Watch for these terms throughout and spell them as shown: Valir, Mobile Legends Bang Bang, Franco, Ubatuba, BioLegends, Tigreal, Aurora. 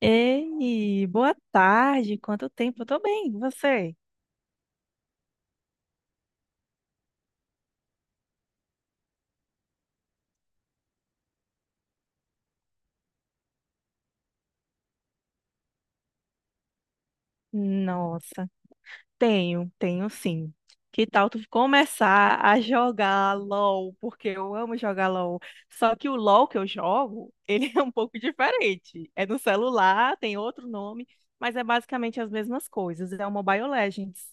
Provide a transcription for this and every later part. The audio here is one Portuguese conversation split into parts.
Ei, boa tarde. Quanto tempo? Eu tô bem. E você? Nossa, tenho, sim. Que tal tu começar a jogar LOL? Porque eu amo jogar LOL. Só que o LOL que eu jogo, ele é um pouco diferente. É no celular, tem outro nome, mas é basicamente as mesmas coisas. É o Mobile Legends.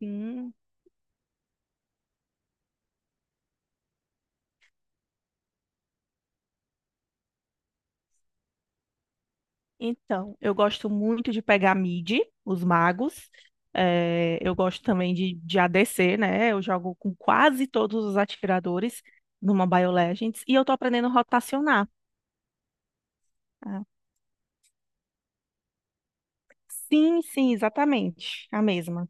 Hum. Então, eu gosto muito de pegar mid, os magos. Eu gosto também de ADC, né? Eu jogo com quase todos os atiradores numa BioLegends. E eu tô aprendendo a rotacionar. Ah, sim, exatamente. A mesma.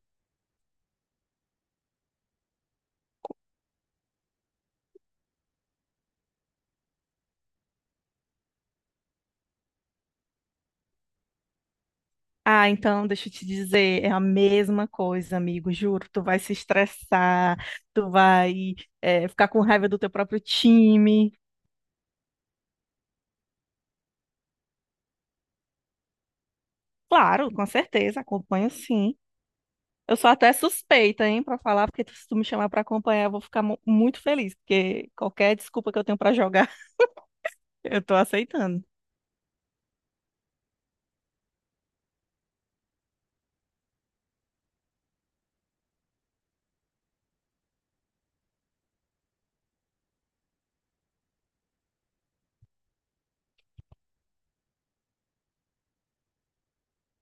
Ah, então, deixa eu te dizer, é a mesma coisa, amigo. Juro, tu vai se estressar, tu vai, ficar com raiva do teu próprio time. Claro, com certeza, acompanho sim. Eu sou até suspeita, hein, pra falar, porque se tu me chamar pra acompanhar, eu vou ficar muito feliz, porque qualquer desculpa que eu tenho pra jogar, eu tô aceitando.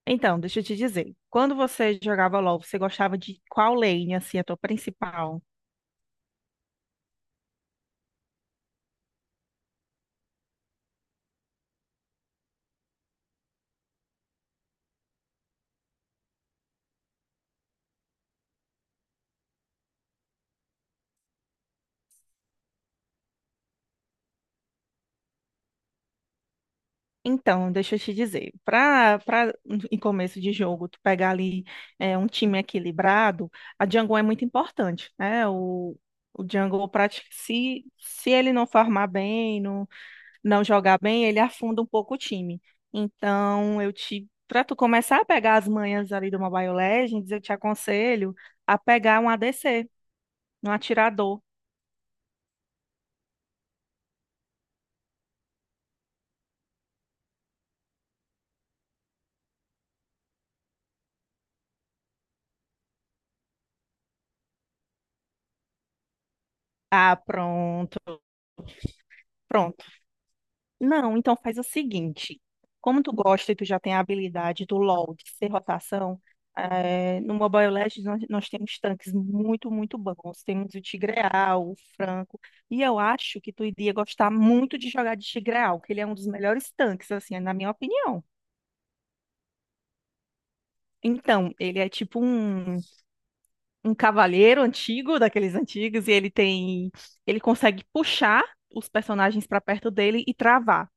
Então, deixa eu te dizer, quando você jogava LoL, você gostava de qual lane, assim, a tua principal? Então, deixa eu te dizer, pra em começo de jogo, tu pegar ali um time equilibrado, a jungle é muito importante, né? O jungle, se, se ele não farmar bem, não jogar bem, ele afunda um pouco o time. Então, eu te, para tu começar a pegar as manhas ali do Mobile Legends, eu te aconselho a pegar um ADC, um atirador. Ah, pronto. Não, então faz o seguinte. Como tu gosta e tu já tem a habilidade do LoL de ser rotação, no Mobile Legends nós temos tanques muito, muito bons. Temos o Tigreal, o Franco. E eu acho que tu iria gostar muito de jogar de Tigreal, que ele é um dos melhores tanques, assim, na minha opinião. Então, ele é tipo um cavaleiro antigo, daqueles antigos, e ele tem, ele consegue puxar os personagens para perto dele e travar.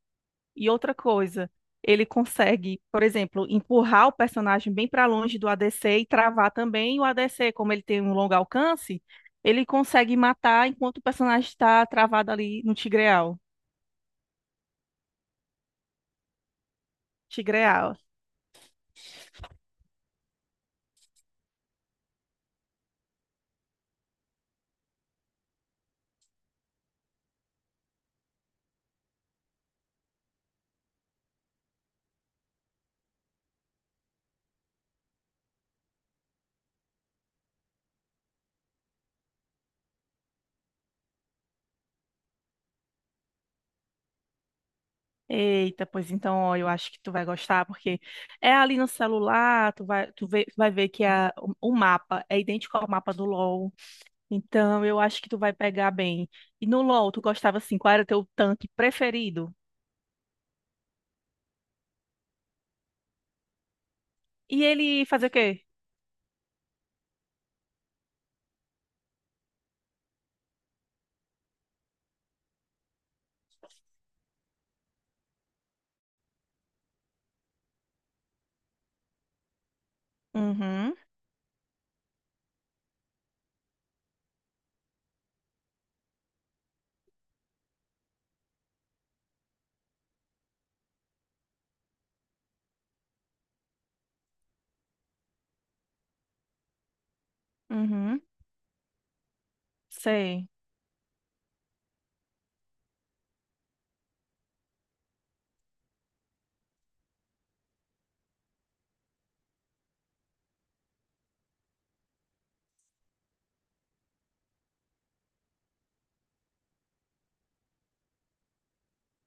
E outra coisa, ele consegue, por exemplo, empurrar o personagem bem para longe do ADC e travar também. E o ADC, como ele tem um longo alcance, ele consegue matar enquanto o personagem está travado ali no Tigreal. Tigreal. Eita, pois então, ó, eu acho que tu vai gostar, porque é ali no celular, tu vai, vai ver que a, o mapa é idêntico ao mapa do LoL. Então, eu acho que tu vai pegar bem. E no LoL, tu gostava assim, qual era teu tanque preferido? E ele fazia o quê? Uhum, uhum, sei.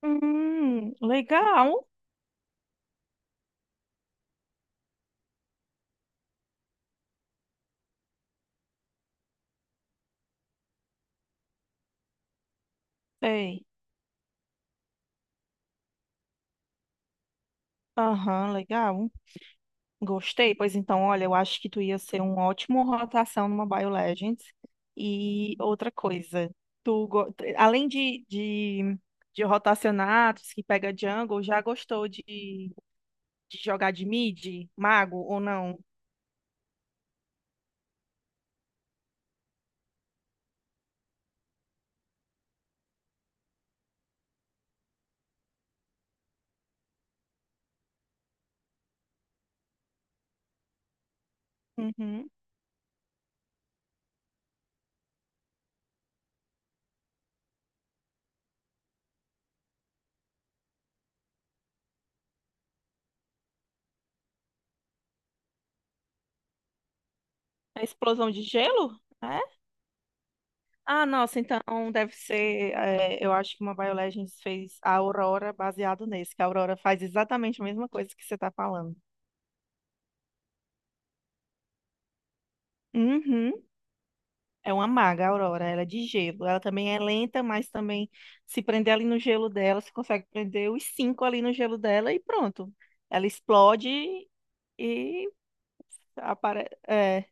Legal. Sei. Aham, legal. Gostei, pois então, olha, eu acho que tu ia ser um ótimo rotação numa BioLegends. E outra coisa, além de rotacionar, tu disse que pega jungle, já gostou de jogar de mid, mago ou não? Uhum. A explosão de gelo? É? Ah, nossa, então deve ser. Eu acho que uma BioLegends fez a Aurora baseado nesse, que a Aurora faz exatamente a mesma coisa que você está falando. Uhum. É uma maga, a Aurora. Ela é de gelo. Ela também é lenta, mas também se prender ali no gelo dela, você consegue prender os 5 ali no gelo dela e pronto. Ela explode e aparece. É.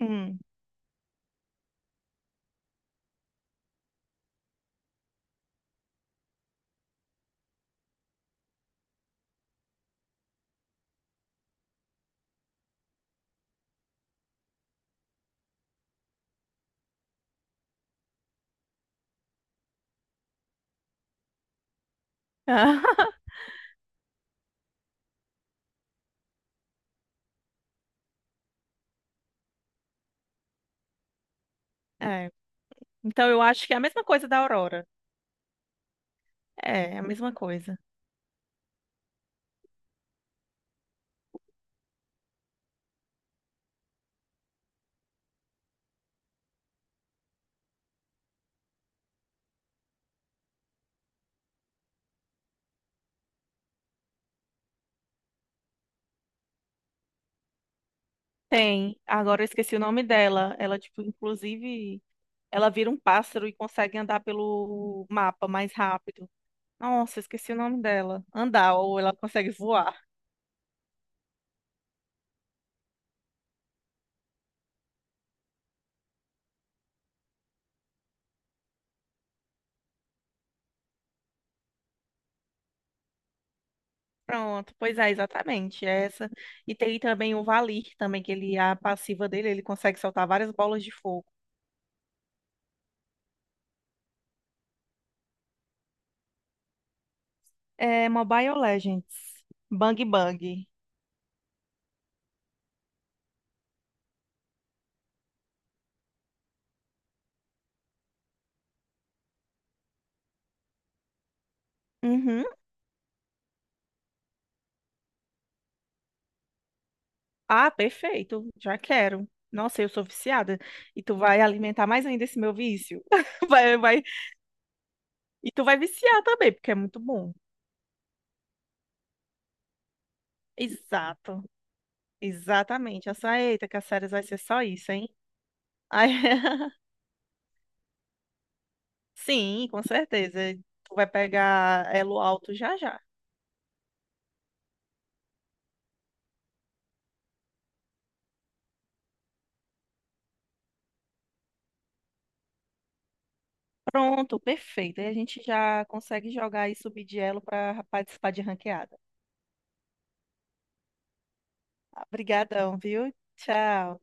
Hum. É. Então eu acho que é a mesma coisa da Aurora. É, é a mesma coisa. Tem. Agora eu esqueci o nome dela. Ela, tipo, inclusive, ela vira um pássaro e consegue andar pelo mapa mais rápido. Nossa, eu esqueci o nome dela. Andar, ou ela consegue voar. Pronto, pois é, exatamente, é essa. E tem também o Valir também, que ele, a passiva dele, ele consegue soltar várias bolas de fogo. É Mobile Legends. Bang Bang. Uhum. Ah, perfeito. Já quero. Nossa, eu sou viciada. E tu vai alimentar mais ainda esse meu vício. Vai, vai. E tu vai viciar também, porque é muito bom. Exato. Exatamente. Essa, eita, que as séries vai ser só isso, hein? Aí, sim, com certeza. Tu vai pegar elo alto já já. Pronto, perfeito. Aí a gente já consegue jogar e subir de elo para participar de ranqueada. Obrigadão, viu? Tchau.